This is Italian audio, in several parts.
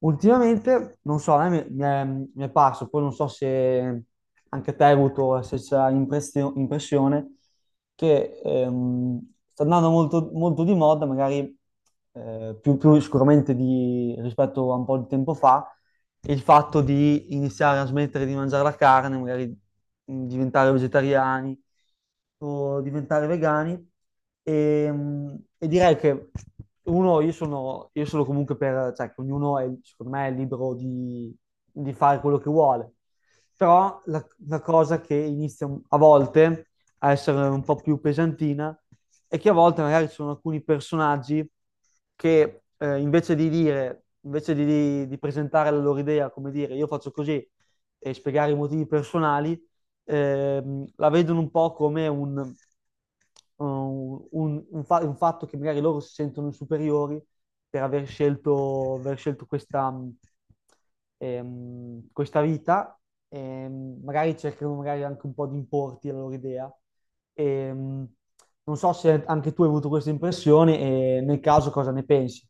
Ultimamente, non so, a me mi mi è parso, poi non so se anche te hai avuto la stessa impressione, che sta andando molto, molto di moda, magari più sicuramente rispetto a un po' di tempo fa, il fatto di iniziare a smettere di mangiare la carne, magari diventare vegetariani o diventare vegani. E direi che uno, io sono comunque per, cioè, che ognuno è, secondo me, è libero di fare quello che vuole. Però la cosa che inizia a volte a essere un po' più pesantina e che a volte magari ci sono alcuni personaggi che invece di, di presentare la loro idea, come dire io faccio così e spiegare i motivi personali, la vedono un po' come un fatto che magari loro si sentono superiori per aver scelto questa, questa vita, magari cercano magari anche un po' di importi la loro idea. Ehm, Non so se anche tu hai avuto questa impressione e nel caso cosa ne pensi?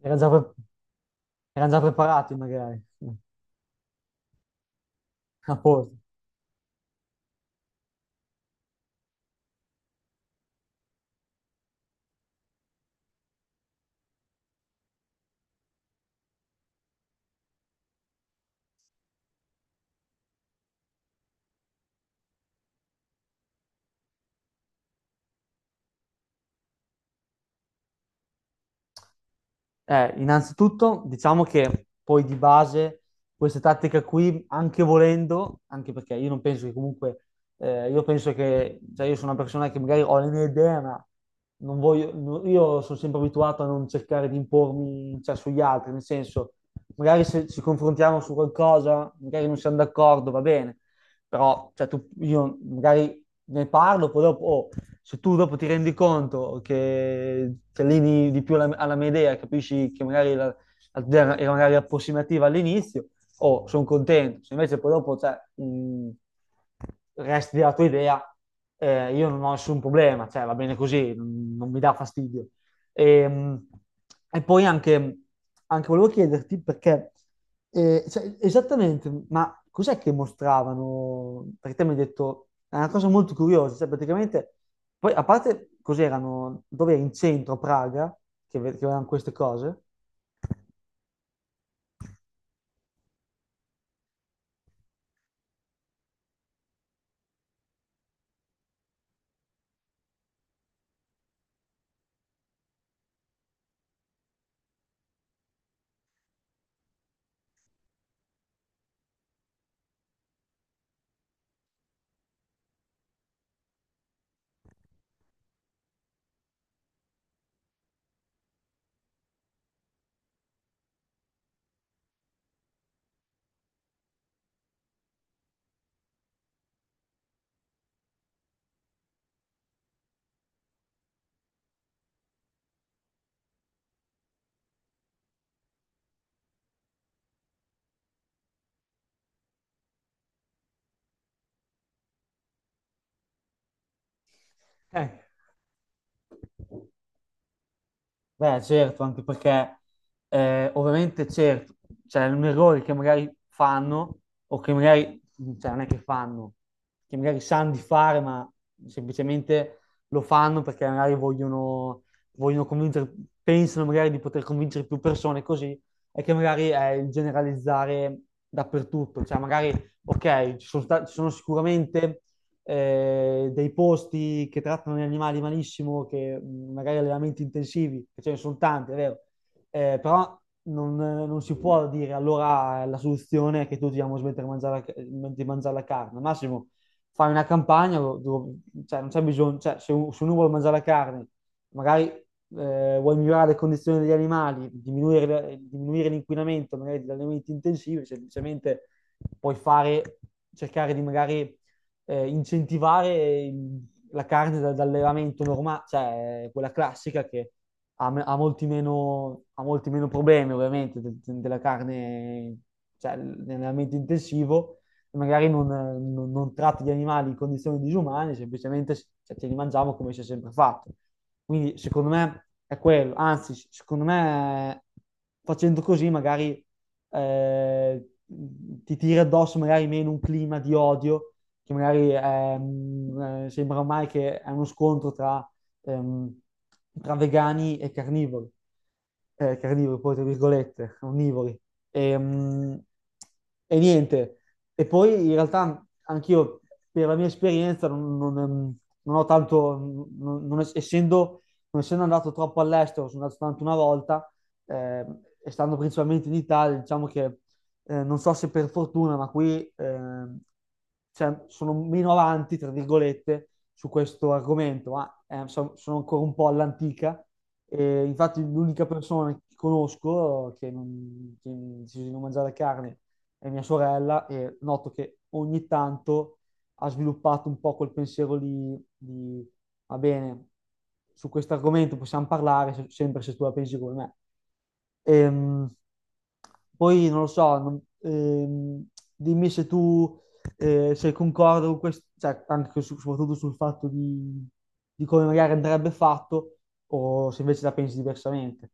Era già, pre- Erano già preparati magari, a posto. Innanzitutto diciamo che poi di base queste tattiche qui, anche volendo, anche perché io non penso che comunque, io penso che, cioè io sono una persona che magari ho le mie idee, ma non voglio, no- io sono sempre abituato a non cercare di impormi, cioè, sugli altri, nel senso, magari se ci confrontiamo su qualcosa, magari non siamo d'accordo, va bene, però cioè, io magari ne parlo, poi dopo, oh, se tu dopo ti rendi conto che ti alleni di più alla mia idea, capisci che magari la idea era magari approssimativa all'inizio, oh, sono contento. Se invece poi dopo cioè, resti della tua idea, io non ho nessun problema, cioè, va bene così, non mi dà fastidio. E, mh, e poi anche volevo chiederti perché, cioè, esattamente, ma cos'è che mostravano? Perché te mi hai detto, è una cosa molto curiosa, cioè praticamente poi, a parte, cos'erano, dove in centro, a Praga, che, che erano queste cose? Eh, Beh, certo, anche perché ovviamente certo, c'è un errore che magari fanno o che magari, cioè non è che fanno, che magari sanno di fare, ma semplicemente lo fanno perché magari vogliono convincere, pensano magari di poter convincere più persone così, e che magari è il generalizzare dappertutto, cioè magari, ok, ci sono sicuramente dei posti che trattano gli animali malissimo, che magari allevamenti intensivi, che ce ne sono tanti, è vero, però non si può dire allora la soluzione è che tutti dobbiamo smettere di di mangiare la carne. Massimo, fai una campagna, cioè, non c'è bisogno, cioè, se, se uno vuole mangiare la carne, magari vuoi migliorare le condizioni degli animali, diminuire l'inquinamento magari dagli alimenti intensivi, semplicemente puoi fare, cercare di magari incentivare la carne dall'allevamento normale, cioè quella classica che ha molti meno problemi ovviamente della carne, cioè nell'allevamento intensivo, e magari non tratti gli animali in condizioni disumane, semplicemente cioè, ce li mangiamo come si è sempre fatto. Quindi secondo me è quello, anzi secondo me facendo così magari ti tira addosso magari meno un clima di odio che magari sembra ormai che è uno scontro tra, ehm, tra vegani e carnivori. Carnivori poi tra virgolette, onnivori. Ehm, Niente, e poi in realtà anch'io per la mia esperienza non ho tanto, non es- essendo, non essendo andato troppo all'estero, sono andato soltanto una volta, e stando principalmente in Italia, diciamo che non so se per fortuna, ma qui cioè, sono meno avanti, tra virgolette, su questo argomento, ma sono ancora un po' all'antica. E infatti l'unica persona che conosco che ha deciso di non mangiare carne è mia sorella e noto che ogni tanto ha sviluppato un po' quel pensiero lì di va bene, su questo argomento possiamo parlare sempre se tu la pensi come me. Ehm, poi non lo so, dimmi se tu sei concordo con questo, cioè, anche soprattutto sul fatto di come magari andrebbe fatto o se invece la pensi diversamente.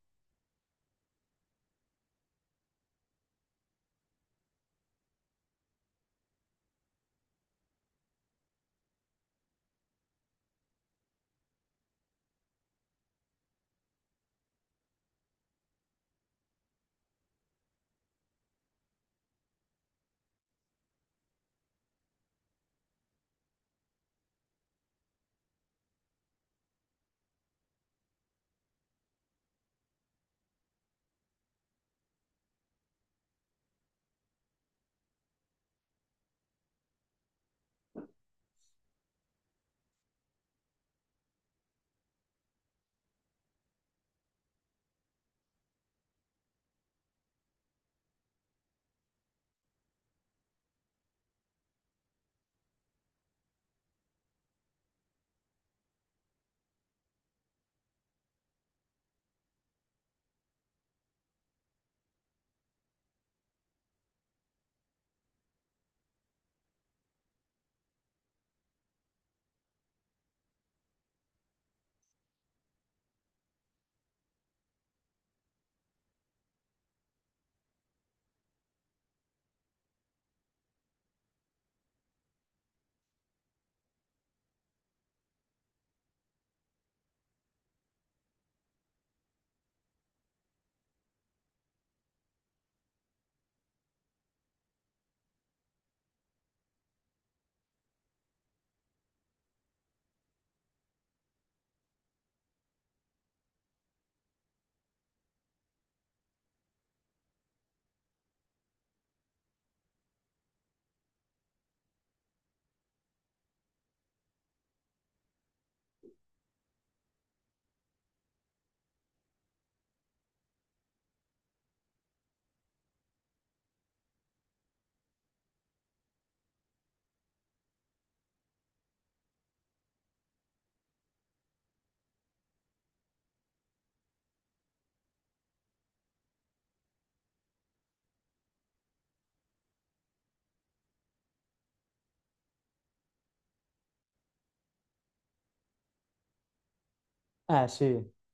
Eh sì, è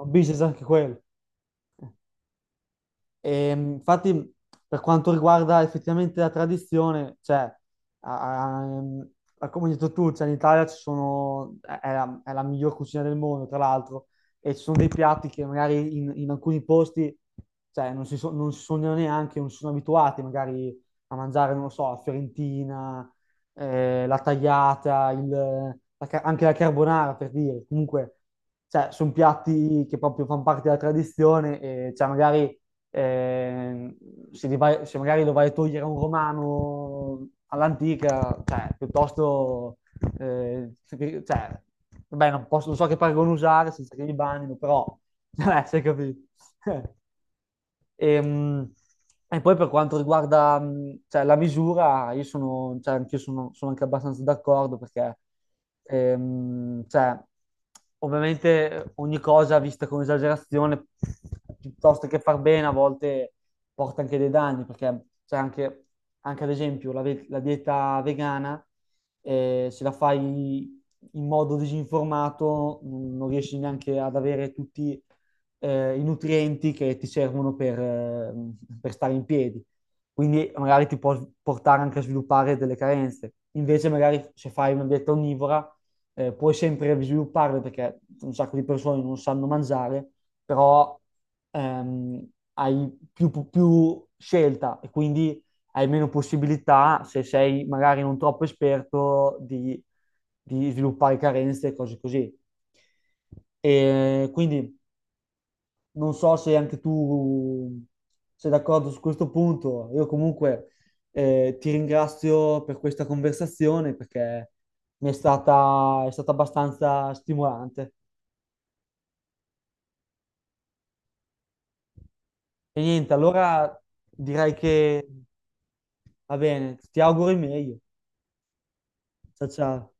un business anche quello. Infatti, per quanto riguarda effettivamente la tradizione, cioè, a- a- ehm, come hai detto tu, cioè, in Italia ci sono, è la miglior cucina del mondo, tra l'altro, e ci sono dei piatti che magari in alcuni posti, cioè, non si sognano neanche, non si sono abituati magari a mangiare, non lo so, la fiorentina, la tagliata, la anche la carbonara, per dire. Comunque, cioè, sono piatti che proprio fanno parte della tradizione e, cioè, magari eh, se, se magari lo vai a togliere a un romano all'antica, cioè, piuttosto, eh, cioè, vabbè, non posso, non so che paragone usare senza che li bannino, però, cioè, si è capito. Ehm, Poi per quanto riguarda, cioè, la misura, cioè, sono anche abbastanza d'accordo perché, cioè, ovviamente ogni cosa vista con esagerazione, piuttosto che far bene, a volte porta anche dei danni perché, cioè, anche ad esempio la dieta vegana, se la fai in modo disinformato, non non riesci neanche ad avere tutti i nutrienti che ti servono per stare in piedi. Quindi magari ti può portare anche a sviluppare delle carenze. Invece magari se fai una dieta onnivora puoi sempre svilupparle perché un sacco di persone non sanno mangiare, però ehm, hai più scelta e quindi hai meno possibilità, se sei magari non troppo esperto, di sviluppare carenze e cose così. E quindi non so se anche tu sei d'accordo su questo punto. Io comunque ti ringrazio per questa conversazione perché è stata abbastanza stimolante. E niente, allora direi che va bene, ti auguro il meglio. Ciao ciao.